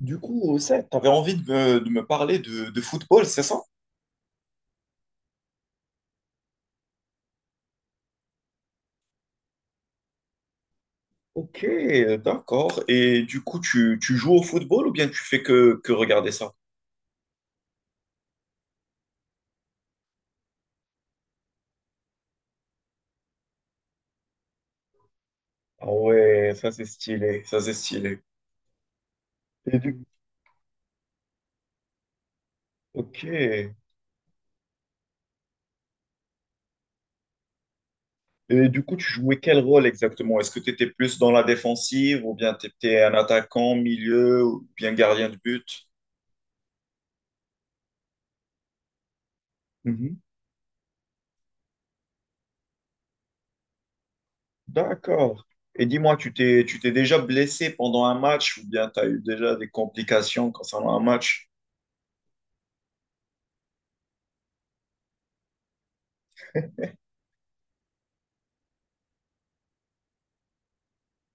Du coup, ça, t'avais envie de me parler de football, c'est ça? Ok, d'accord. Et du coup, tu joues au football ou bien tu fais que regarder ça? Ah ouais, ça c'est stylé, ça c'est stylé. Et du... Ok. Et du coup, tu jouais quel rôle exactement? Est-ce que tu étais plus dans la défensive ou bien tu étais un attaquant, milieu ou bien gardien de but? Mhm. D'accord. Et dis-moi, tu t'es déjà blessé pendant un match ou bien tu as eu déjà des complications concernant un match?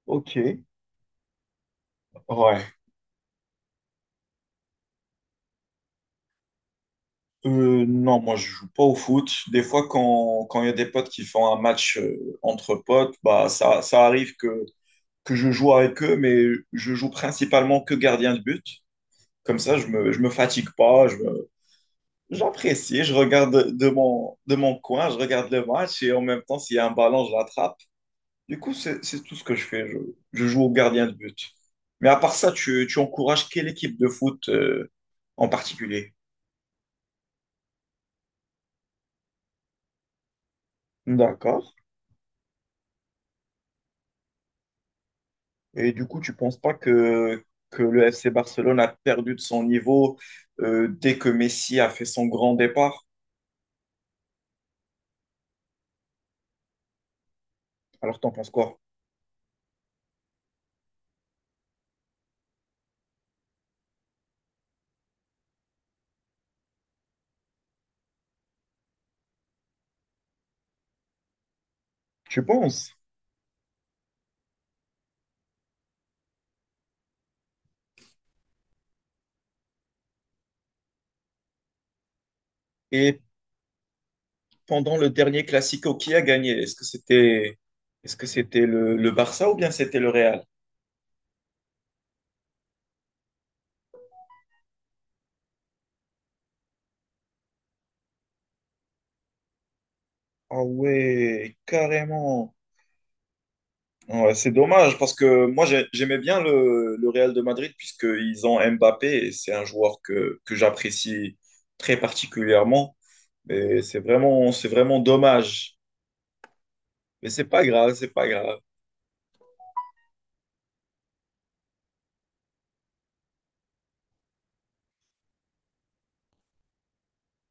Ok. Ouais. Non, moi je joue pas au foot. Des fois, quand il y a des potes qui font un match entre potes, bah ça, ça arrive que je joue avec eux, mais je joue principalement que gardien de but. Comme ça, je me fatigue pas, j'apprécie, je regarde de mon coin, je regarde le match et en même temps, s'il y a un ballon, je l'attrape. Du coup, c'est tout ce que je fais. Je joue au gardien de but. Mais à part ça, tu encourages quelle équipe de foot en particulier? D'accord. Et du coup, tu penses pas que, que le FC Barcelone a perdu de son niveau dès que Messi a fait son grand départ? Alors, t'en penses quoi? Tu penses? Et pendant le dernier Classico, qui a gagné? Est-ce que c'était le Barça ou bien c'était le Real? Ah ouais, carrément. Ouais, c'est dommage parce que j'aimais bien le Real de Madrid puisqu'ils ont Mbappé et c'est un joueur que j'apprécie très particulièrement. C'est vraiment dommage. Mais c'est pas grave, c'est pas grave.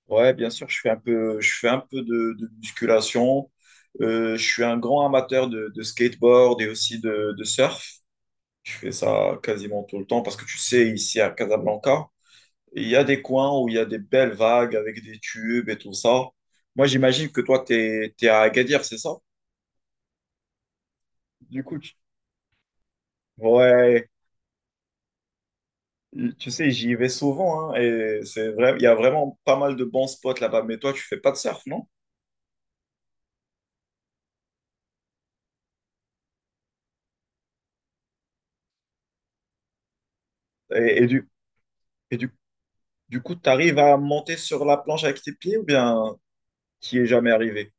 Ouais, bien sûr, je fais un peu de musculation. Je suis un grand amateur de skateboard et aussi de surf. Je fais ça quasiment tout le temps parce que tu sais, ici à Casablanca, il y a des coins où il y a des belles vagues avec des tubes et tout ça. Moi, j'imagine que toi, t'es à Agadir, c'est ça? Du coup, tu- ouais, tu sais, j'y vais souvent hein, et c'est vrai, il y a vraiment pas mal de bons spots là-bas. Mais toi, tu fais pas de surf, non? Et, et du, et du Du coup, tu arrives à monter sur la planche avec tes pieds ou bien tu n'y es jamais arrivé?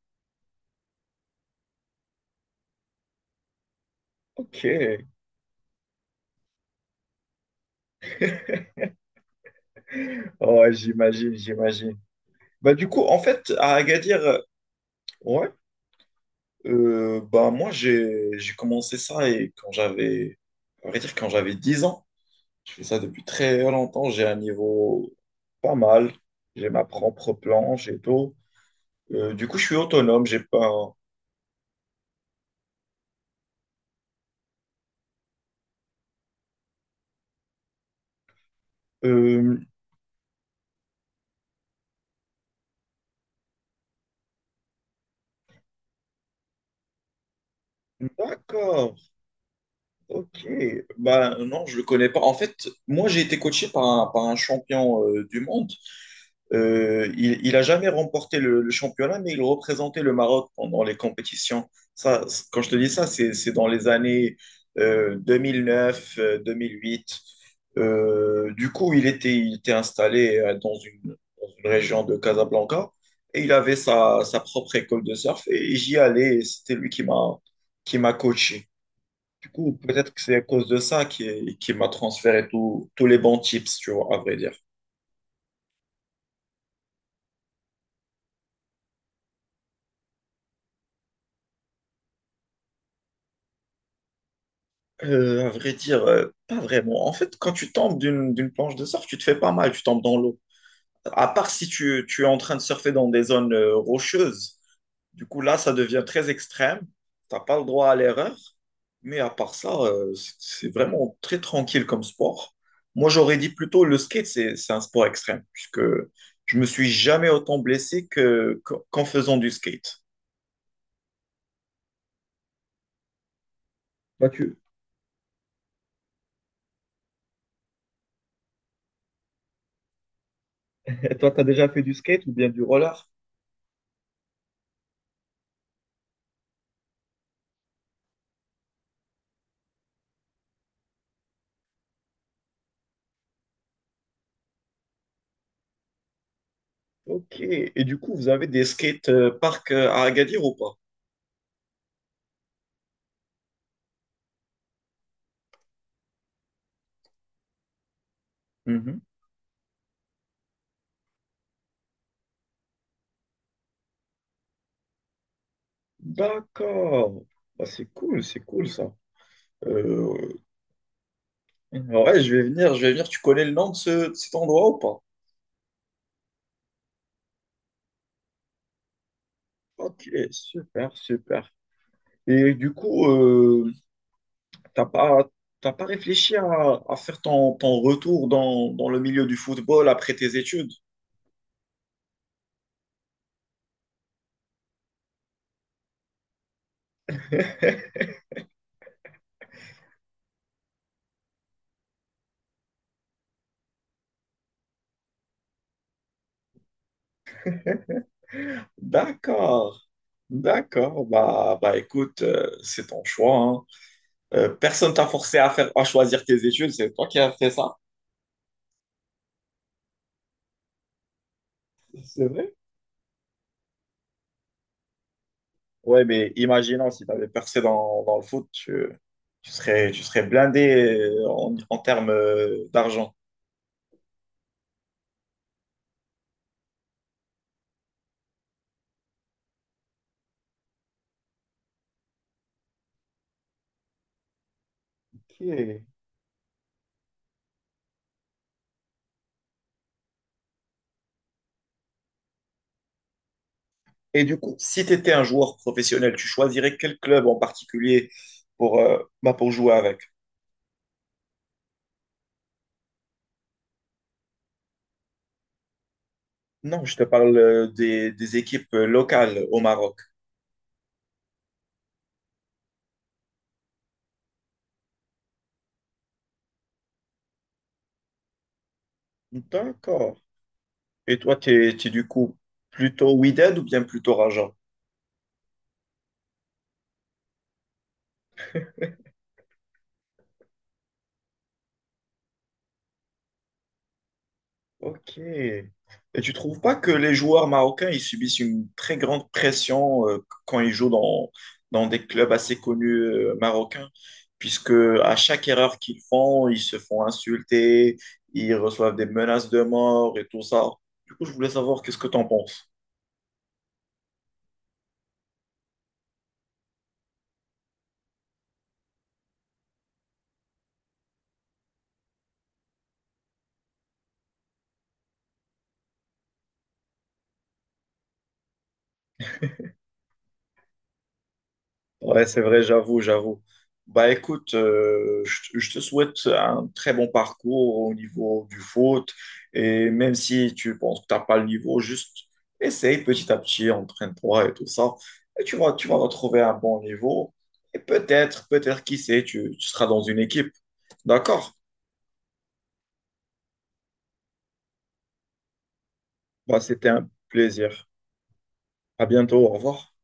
Ok. Ouais, j'imagine, j'imagine. Bah, du coup, en fait, à Agadir, ouais, bah, moi, j'ai commencé ça et à vrai dire, quand j'avais 10 ans, je fais ça depuis très longtemps, j'ai un niveau pas mal, j'ai ma propre planche et tout. Du coup, je suis autonome, j'ai pas. Euh, d'accord, Ok, bah non, je le connais pas. En fait, moi j'ai été coaché par par un champion du monde. Il a jamais remporté le championnat, mais il représentait le Maroc pendant les compétitions. Ça, quand je te dis ça, c'est dans les années 2009, 2008. Du coup, il était installé dans une région de Casablanca et il avait sa propre école de surf et j'y allais. Et c'était lui qui m'a coaché. Du coup, peut-être que c'est à cause de ça qui m'a transféré tous les bons tips, tu vois, à vrai dire. À vrai dire, pas vraiment. En fait, quand tu tombes d'une planche de surf, tu te fais pas mal, tu tombes dans l'eau. À part si tu es en train de surfer dans des zones rocheuses. Du coup, là, ça devient très extrême. T'as pas le droit à l'erreur. Mais à part ça, c'est vraiment très tranquille comme sport. Moi, j'aurais dit plutôt le skate, c'est un sport extrême, puisque je me suis jamais autant blessé que, qu'en faisant du skate. Toi, tu toi, t'as déjà fait du skate ou bien du roller? Ok. Et du coup, vous avez des skate parks à Agadir ou pas? Mhm. D'accord. Bah, c'est cool ça. Euh, Ouais, je vais venir, je vais venir. Tu connais le nom de, de cet endroit ou pas? Ok, super, super. Et du coup, t'as pas, t'as pas réfléchi à faire ton retour dans le milieu du football après tes études? D'accord. D'accord, bah écoute, c'est ton choix, hein. Personne t'a forcé à faire, à choisir tes études, c'est toi qui as fait ça. C'est vrai? Ouais, mais imaginons si tu avais percé dans le foot, tu serais blindé en termes d'argent. Ok. Et du coup, si tu étais un joueur professionnel, tu choisirais quel club en particulier pour, bah, pour jouer avec? Non, je te parle des équipes locales au Maroc. D'accord. Et toi, tu es, du coup plutôt Wydad ou bien plutôt Raja? Ok. Et tu trouves pas que les joueurs marocains, ils subissent une très grande pression quand ils jouent dans des clubs assez connus marocains, puisque à chaque erreur qu'ils font, ils se font insulter, ils reçoivent des menaces de mort et tout ça. Du coup, je voulais savoir qu'est-ce que tu en penses. Ouais, c'est vrai, j'avoue, j'avoue. Bah écoute, je te souhaite un très bon parcours au niveau du foot. Et même si tu penses que t'as pas le niveau, juste essaye petit à petit, entraîne-toi et tout ça. Tu vas retrouver un bon niveau. Et peut-être, peut-être, qui sait, tu seras dans une équipe. D'accord? Bah, c'était un plaisir. À bientôt, au revoir.